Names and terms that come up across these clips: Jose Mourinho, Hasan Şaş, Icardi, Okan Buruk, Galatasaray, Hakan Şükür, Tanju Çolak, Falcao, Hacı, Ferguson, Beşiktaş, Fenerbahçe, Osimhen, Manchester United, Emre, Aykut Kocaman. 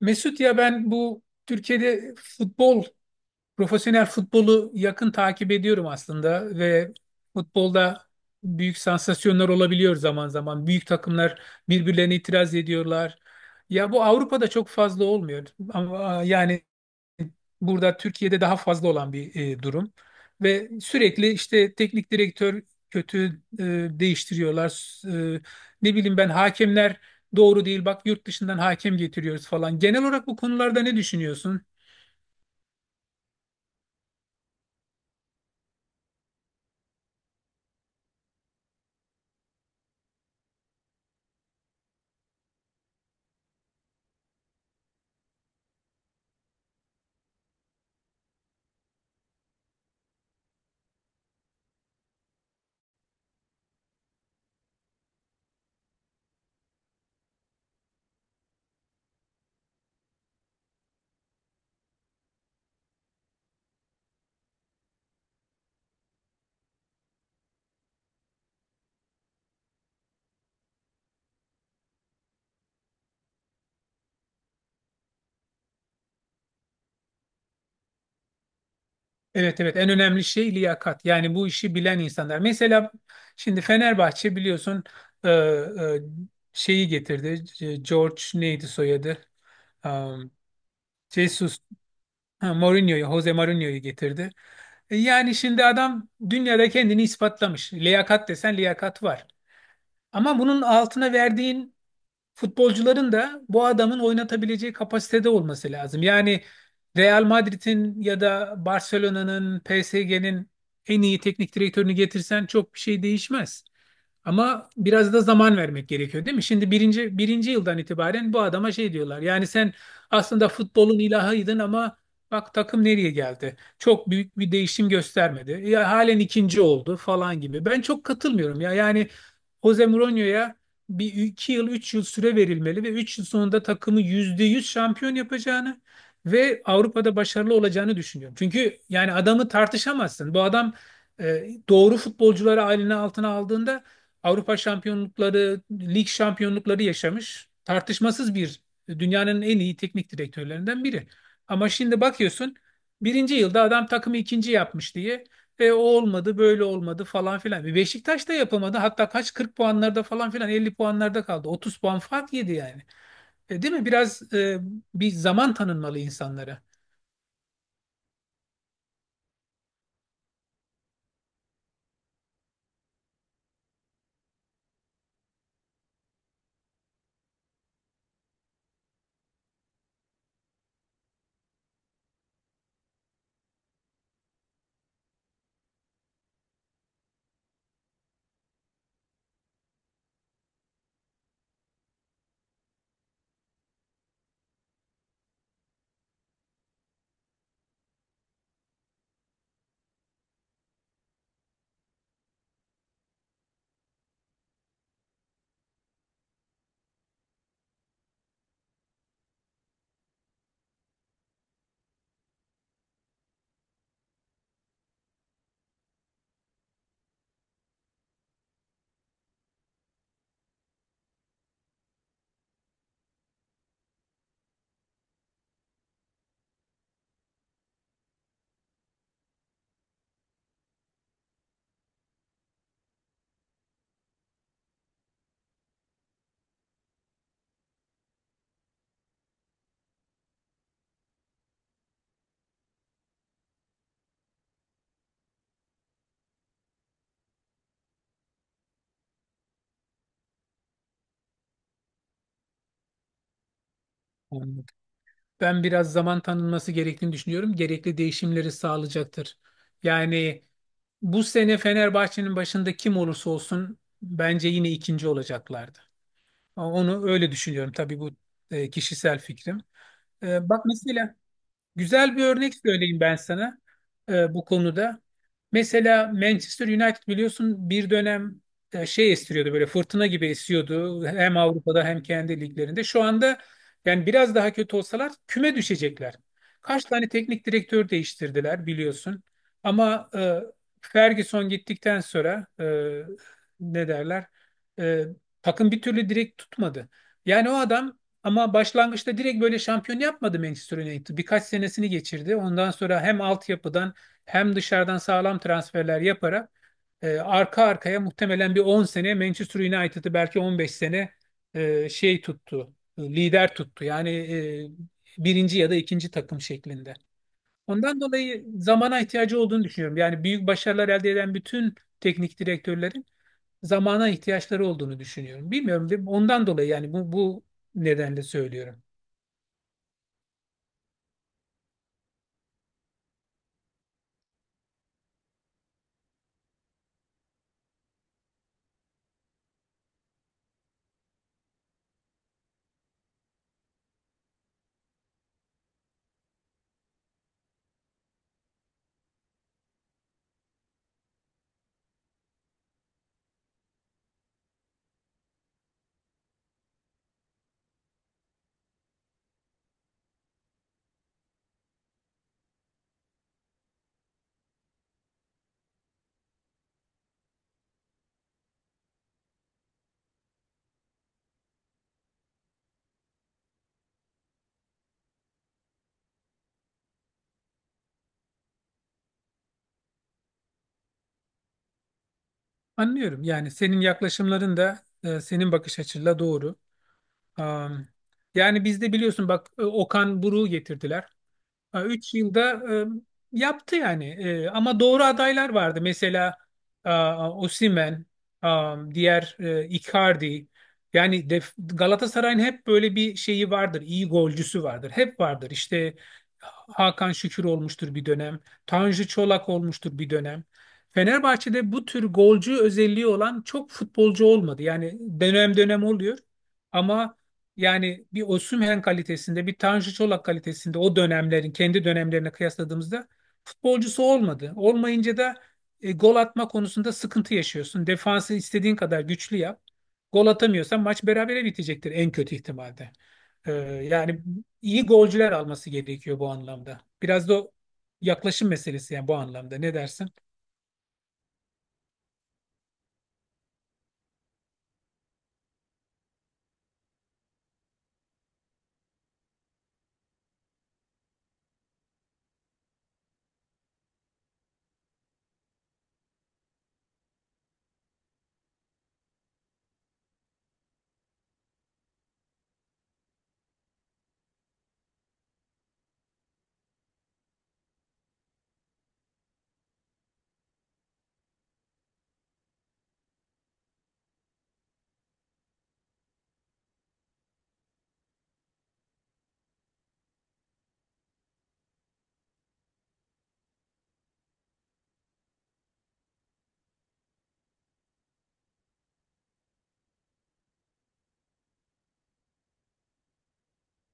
Mesut, ya ben bu Türkiye'de futbol, profesyonel futbolu yakın takip ediyorum aslında. Ve futbolda büyük sansasyonlar olabiliyor zaman zaman. Büyük takımlar birbirlerine itiraz ediyorlar. Ya bu Avrupa'da çok fazla olmuyor. Ama yani burada Türkiye'de daha fazla olan bir durum. Ve sürekli işte teknik direktör kötü e, değiştiriyorlar. e, Ne bileyim, ben hakemler doğru değil, bak yurt dışından hakem getiriyoruz falan. Genel olarak bu konularda ne düşünüyorsun? Evet, evet, en önemli şey liyakat. Yani bu işi bilen insanlar. Mesela şimdi Fenerbahçe biliyorsun e, e, şeyi getirdi. E, George neydi soyadı? Um, Jesus, ha, Mourinho'yu, Jose Mourinho'yu getirdi. E, yani şimdi adam dünyada kendini ispatlamış. Liyakat desen liyakat var. Ama bunun altına verdiğin futbolcuların da bu adamın oynatabileceği kapasitede olması lazım. Yani Real Madrid'in ya da Barcelona'nın, PSG'nin en iyi teknik direktörünü getirsen çok bir şey değişmez. Ama biraz da zaman vermek gerekiyor değil mi? Şimdi birinci yıldan itibaren bu adama şey diyorlar. Yani sen aslında futbolun ilahıydın ama bak takım nereye geldi? Çok büyük bir değişim göstermedi. Ya halen ikinci oldu falan gibi. Ben çok katılmıyorum ya. Yani Jose Mourinho'ya bir iki yıl, üç yıl süre verilmeli ve üç yıl sonunda takımı %100 şampiyon yapacağını ve Avrupa'da başarılı olacağını düşünüyorum. Çünkü yani adamı tartışamazsın. Bu adam doğru futbolcuları eline altına aldığında Avrupa şampiyonlukları, lig şampiyonlukları yaşamış. Tartışmasız bir dünyanın en iyi teknik direktörlerinden biri. Ama şimdi bakıyorsun birinci yılda adam takımı ikinci yapmış diye o olmadı, böyle olmadı falan filan. E, Beşiktaş da yapamadı. Hatta kaç 40 puanlarda falan filan 50 puanlarda kaldı. 30 puan fark yedi yani. E, değil mi? Biraz bir zaman tanınmalı insanlara. Anladım. Ben biraz zaman tanınması gerektiğini düşünüyorum. Gerekli değişimleri sağlayacaktır. Yani bu sene Fenerbahçe'nin başında kim olursa olsun bence yine ikinci olacaklardı. Onu öyle düşünüyorum. Tabii bu kişisel fikrim. E, bak mesela güzel bir örnek söyleyeyim ben sana bu konuda. Mesela Manchester United biliyorsun bir dönem şey estiriyordu, böyle fırtına gibi esiyordu hem Avrupa'da hem kendi liglerinde. Şu anda yani biraz daha kötü olsalar küme düşecekler. Kaç tane teknik direktör değiştirdiler biliyorsun. Ama Ferguson gittikten sonra ne derler, e, takım bir türlü direkt tutmadı. Yani o adam ama başlangıçta direkt böyle şampiyon yapmadı Manchester United. Birkaç senesini geçirdi. Ondan sonra hem altyapıdan hem dışarıdan sağlam transferler yaparak arka arkaya muhtemelen bir 10 sene Manchester United'ı, belki 15 sene lider tuttu. Yani birinci ya da ikinci takım şeklinde. Ondan dolayı zamana ihtiyacı olduğunu düşünüyorum. Yani büyük başarılar elde eden bütün teknik direktörlerin zamana ihtiyaçları olduğunu düşünüyorum. Bilmiyorum, ondan dolayı yani bu nedenle söylüyorum. Anlıyorum. Yani senin yaklaşımların da senin bakış açınla doğru. Am, Yani bizde biliyorsun bak Okan Buruk'u getirdiler. Ha, üç yılda yaptı yani. E, ama doğru adaylar vardı. Mesela Osimhen, diğer Icardi. Yani Galatasaray'ın hep böyle bir şeyi vardır. İyi golcüsü vardır. Hep vardır. İşte Hakan Şükür olmuştur bir dönem. Tanju Çolak olmuştur bir dönem. Fenerbahçe'de bu tür golcü özelliği olan çok futbolcu olmadı. Yani dönem dönem oluyor. Ama yani bir Osimhen kalitesinde, bir Tanju Çolak kalitesinde o dönemlerin kendi dönemlerine kıyasladığımızda futbolcusu olmadı. Olmayınca da gol atma konusunda sıkıntı yaşıyorsun. Defansı istediğin kadar güçlü yap. Gol atamıyorsan maç berabere bitecektir en kötü ihtimalde. Yani iyi golcüler alması gerekiyor bu anlamda. Biraz da o yaklaşım meselesi yani bu anlamda. Ne dersin?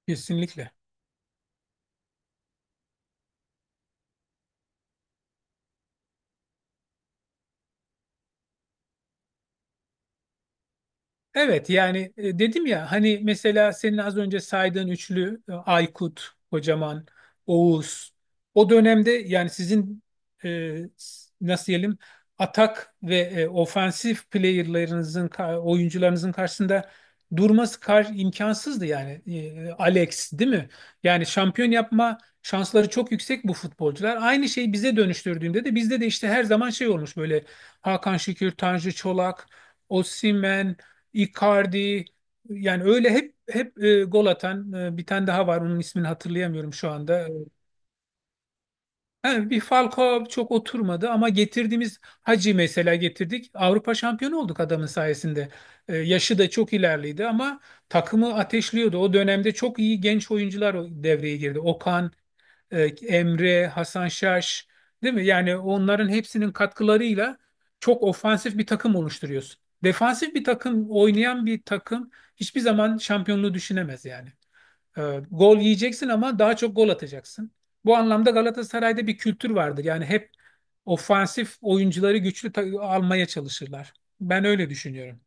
Kesinlikle. Evet, yani dedim ya hani, mesela senin az önce saydığın üçlü, Aykut, Kocaman, Oğuz, o dönemde yani sizin nasıl diyelim, atak ve ofansif oyuncularınızın karşısında durması kar imkansızdı yani. E, Alex değil mi? Yani şampiyon yapma şansları çok yüksek bu futbolcular. Aynı şey bize dönüştürdüğünde de bizde de işte her zaman şey olmuş böyle, Hakan Şükür, Tanju Çolak, Osimhen, Icardi. Yani öyle hep gol atan, bir tane daha var, onun ismini hatırlayamıyorum şu anda. Ha, bir Falcao çok oturmadı ama getirdiğimiz Hacı mesela, getirdik. Avrupa şampiyonu olduk adamın sayesinde. E, yaşı da çok ilerliydi ama takımı ateşliyordu. O dönemde çok iyi genç oyuncular devreye girdi. Okan, e, Emre, Hasan Şaş, değil mi? Yani onların hepsinin katkılarıyla çok ofansif bir takım oluşturuyorsun. Defansif bir takım, oynayan bir takım hiçbir zaman şampiyonluğu düşünemez yani. E, gol yiyeceksin ama daha çok gol atacaksın. Bu anlamda Galatasaray'da bir kültür vardır. Yani hep ofansif oyuncuları güçlü almaya çalışırlar. Ben öyle düşünüyorum.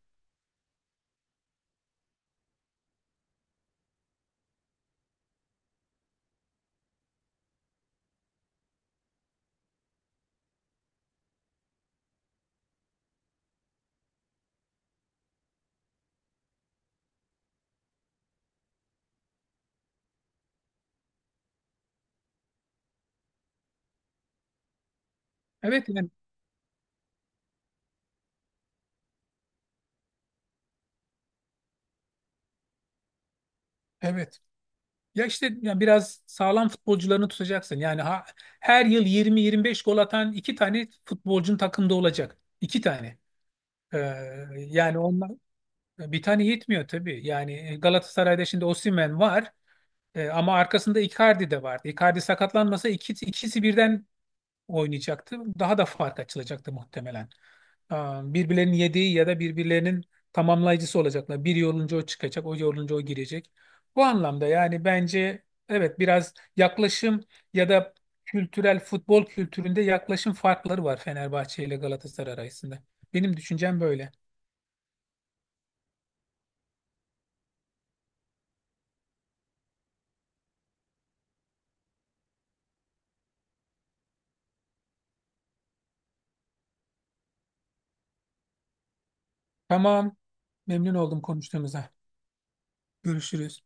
Evet yani. Evet. Ya işte yani biraz sağlam futbolcularını tutacaksın. Yani her yıl 20-25 gol atan iki tane futbolcun takımda olacak. İki tane. Ee, Yani onlar, bir tane yetmiyor tabii. Yani Galatasaray'da şimdi Osimhen var. Ama arkasında Icardi de vardı. Icardi sakatlanmasa ikisi birden oynayacaktı. Daha da fark açılacaktı muhtemelen. Birbirlerinin yediği ya da birbirlerinin tamamlayıcısı olacaklar. Biri yorulunca o çıkacak, o yorulunca o girecek. Bu anlamda yani bence evet, biraz yaklaşım ya da kültürel futbol kültüründe yaklaşım farkları var Fenerbahçe ile Galatasaray arasında. Benim düşüncem böyle. Tamam. Memnun oldum konuştuğumuza. Görüşürüz.